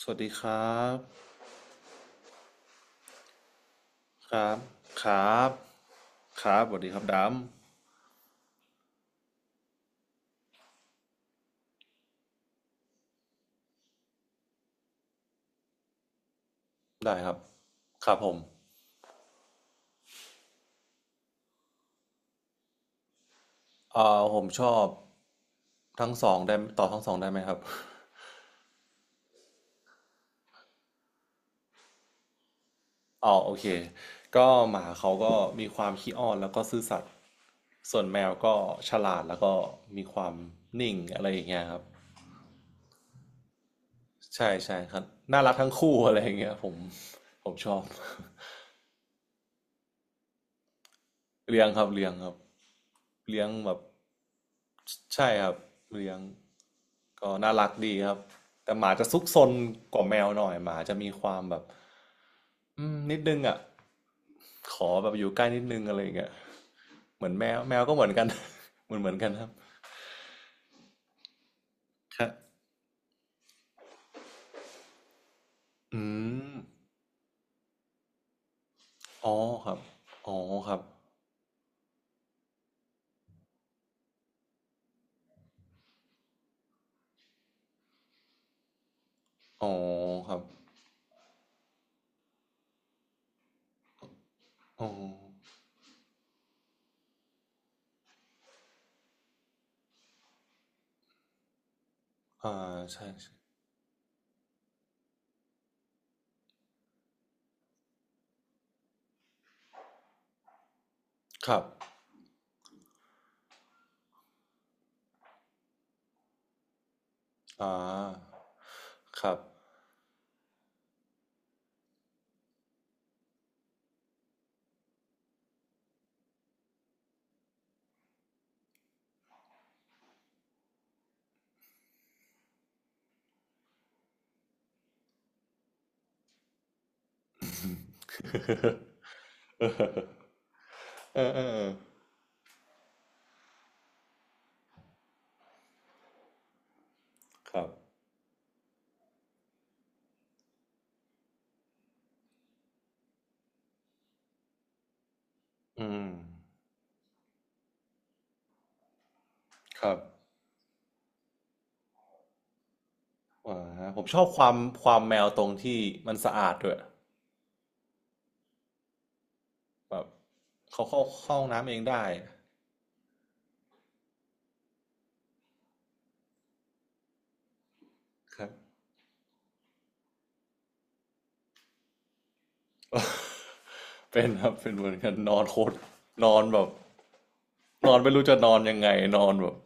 สวัสดีครับครับครับครับสวัสดีครับดำได้ครับครับผมผมชอบทั้งสองได้ทั้งสองได้ไหมครับ อ๋อโอเคก็หมาเขาก็มีความขี้อ้อนแล้วก็ซื่อสัตย์ส่วนแมวก็ฉลาดแล้วก็มีความนิ่งอะไรอย่างเงี้ยครับใช่ใช่ครับน่ารักทั้งคู่อะไรอย่างเงี้ยผมชอบ เลี้ยงครับเลี้ยงครับเลี้ยงแบบใช่ครับเลี้ยงก็น่ารักดีครับแต่หมาจะซุกซนกว่าแมวหน่อยหมาจะมีความแบบอืมนิดนึงอ่ะขอแบบอยู่ใกล้นิดนึงอะไรอย่างเงี้ยเหมือนแมวแมวก็เหมือนกัน เหมือนกันครับครับอืมอ๋อครับอ๋อครับอ๋อครับอ๋ออ่าใช่ใช่ครับอ่าครับ เออเออเออครับอืม ครับอ่าฮะผมชอบความความแมวตรงที่มันสะอาดด้วยแบบเขาเข้าห้องน้ำเองได้ครับ เป็นครับเป็นเหมือนกันนอนโคตรนอนแบบนอนไม่รู้จะนอนยังไงนอนแบบ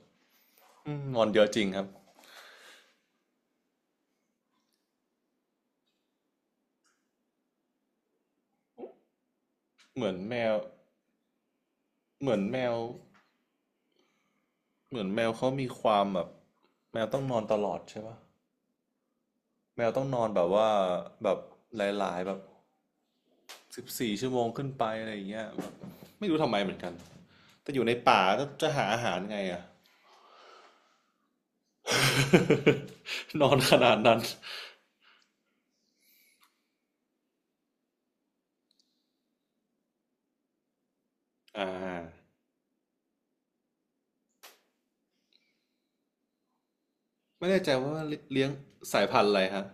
อืมนอนเยอะจริงครับเหมือนแมวเหมือนแมวเหมือนแมวเขามีความแบบแมวต้องนอนตลอดใช่ปะแมวต้องนอนแบบว่าแบบหลายๆแบบ14 ชั่วโมงขึ้นไปอะไรอย่างเงี้ยแบบไม่รู้ทำไมเหมือนกัน แต่อยู่ในป่าแล้วจะหาอาหารไงอะ นอนขนาดนั้นอ่าไม่แน่ใจว่าเลี้ยงสายพันธุ์อะไรฮะ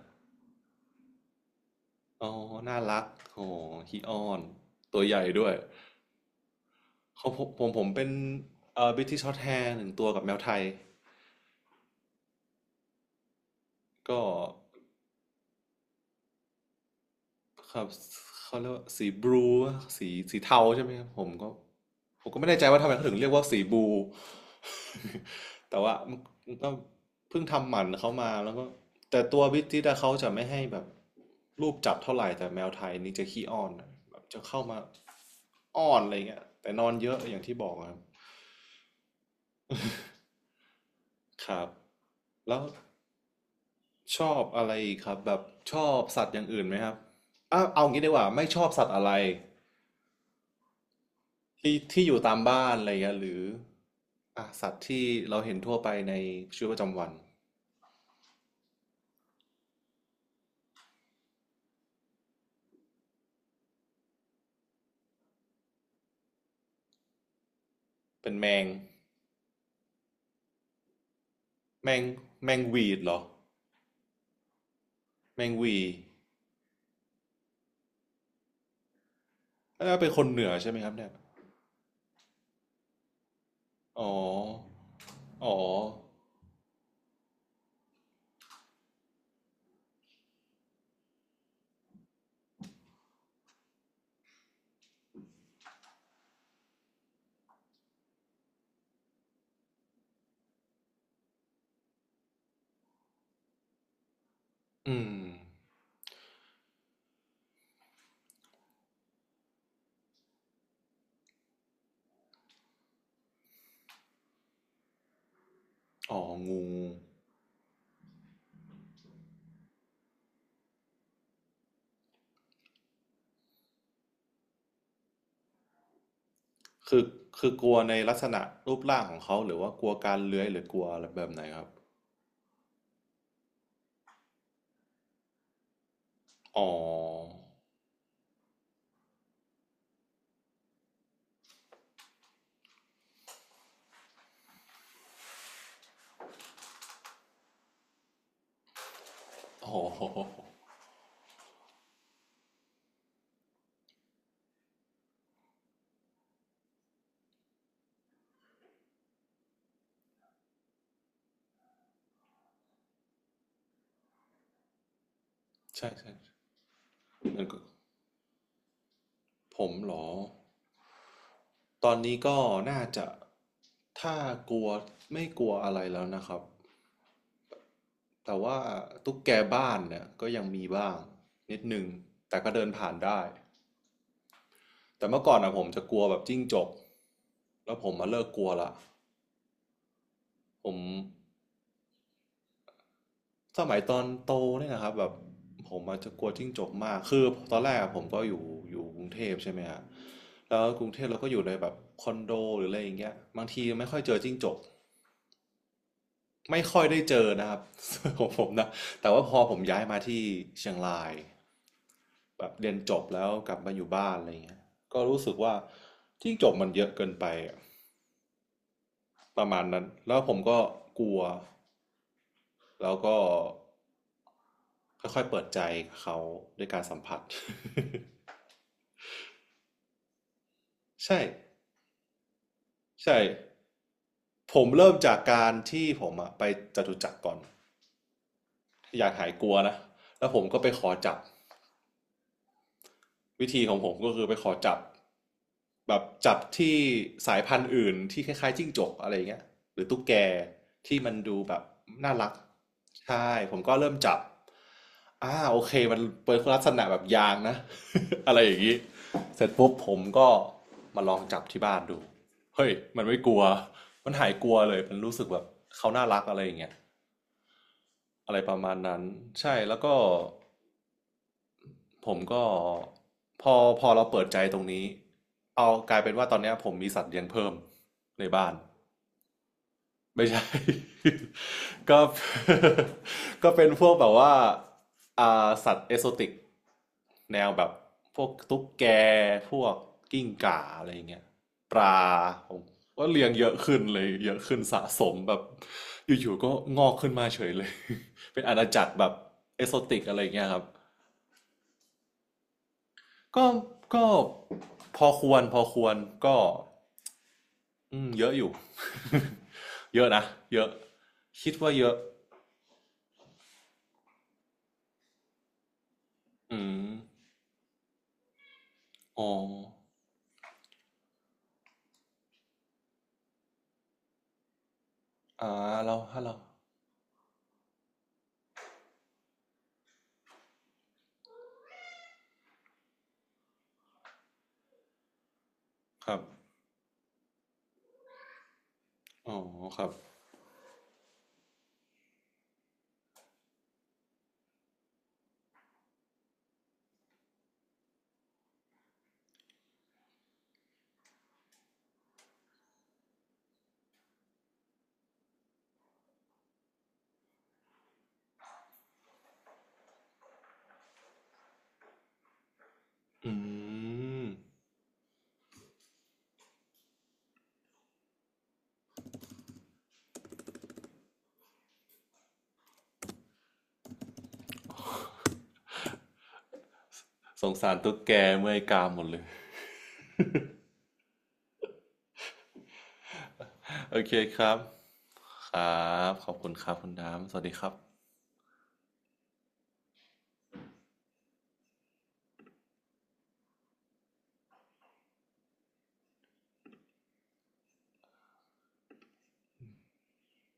อ๋อน่ารักโหฮีออนตัวใหญ่ด้วยเขาผมเป็นบิทิชช็อตแฮร์หนึ่งตัวกับแมวไทย ก็ครับเขาเรียกว่าสีบลูสีเทาใช่ไหมครับผมก็ไม่แน่ใจว่าทำไมเขาถึงเรียกว่าสีบลู แต่ว่ามันก็เพิ่งทำหมันเขามาแล้วก็แต่ตัววิจิตอะเขาจะไม่ให้แบบรูปจับเท่าไหร่แต่แมวไทยนี่จะขี้อ้อนอะแบบจะเข้ามาอ้อนอะไรเงี้ยแต่นอนเยอะอย่างที่บอกอะครับครับแล้วชอบอะไรอีกครับแบบชอบสัตว์อย่างอื่นไหมครับอ่ะเอางี้ดีกว่าไม่ชอบสัตว์อะไรที่อยู่ตามบ้านอะไรเงี้ยหรืออ่ะสัตว์ที่เราเห็นทั่วไปในชีวิตประจำวันเป็นแมงแมงแมงวีดเหรอแมงวี อ่าเป็นคนเหนือใช่ไหมครับเนี่ยอ๋ออ๋ออืมอ๋องูคือคือกลัวในลักษณะรูปร่างของเขาหรือว่ากลัวการเลื้อยหรือกลัวอะไรแบบไหนครับ อ๋ออ๋อใช่ใช่งันก็ผมเหรอตอนนี้ก็น่าจะถ้ากลัวไม่กลัวอะไรแล้วนะครับ แต่ว่าตุ๊กแกบ้านเนี่ยก็ยังมีบ้างนิดนึงแต่ก็เดินผ่านได้ แต่เมื่อก่อนอะผมจะกลัวแบบจิ้งจกแล้วผมมาเลิกกลัวละผมสมัยตอนโตเนี่ยนะครับแบบผมอาจจะกลัวจิ้งจกมากคือตอนแรกอะผมก็อยู่อยู่กรุงเทพใช่ไหมฮะแล้วกรุงเทพเราก็อยู่ในแบบคอนโดหรืออะไรอย่างเงี้ยบางทีไม่ค่อยเจอจิ้งจกไม่ค่อยได้เจอนะครับ ของผมนะแต่ว่าพอผมย้ายมาที่เชียงรายแบบเรียนจบแล้วกลับมาอยู่บ้านอะไรอย่างเงี้ยก็รู้สึกว่าจิ้งจกมันเยอะเกินไปอะประมาณนั้นแล้วผมก็กลัว แล้วก็ค่อยๆเปิดใจกับเขาด้วยการสัมผัส ใช่ใช่ผมเริ่มจากการที่ผมอะไปจตุจักรก่อนอยากหายกลัวนะแล้วผมก็ไปขอจับ วิธีของผมก็คือไปขอจับแบบจับที่สายพันธุ์อื่นที่คล้ายๆจิ้งจกอะไรเงี้ยหรือตุ๊กแกที่มันดูแบบน่ารักใช่ผมก็เริ่มจับอ่าโอเคมันเป็นลักษณะแบบยางนะ อะไรอย่างนี้เสร็จปุ๊บผมก็มาลองจับที่บ้านดูเฮ้ยมันไม่กลัวมันหายกลัวเลยมันรู้สึกแบบเขาน่ารักอะไรอย่างเงี้ยอะไรประมาณนั้นใช่แล้วก็ ผมก็พอพอเราเปิดใจตรงนี้เอากลายเป็นว่าตอนเนี้ยผมมีสัตว์เลี้ยงเพิ่มในบ้านไม่ใช่ ก็ ก็เป็นพวกแบบว่าอ่าสัตว์เอโซติกแนวแบบพวกตุ๊กแกพวกกิ้งก่าอะไรอย่างเงี้ยปลาผมว่าเลี้ยงเยอะขึ้นเลยเยอะขึ้นสะสมแบบอยู่ๆก็งอกขึ้นมาเฉยเลย เป็นอาณาจักรแบบเอโซติกอะไรอย่างเงี้ยครับ ก็ก็พอควรพอควรก็อืมเยอะอยู่ เยอะนะเยอะคิดว่าเยอะอืมอ๋ออ่าเราถ้าเราครับอ๋อครับอืมสงสารตุ๊กแกเมื่อยกามหมดเลยโอเคครับครับขอบคุณครับคุณน้ำสวัสดีครับ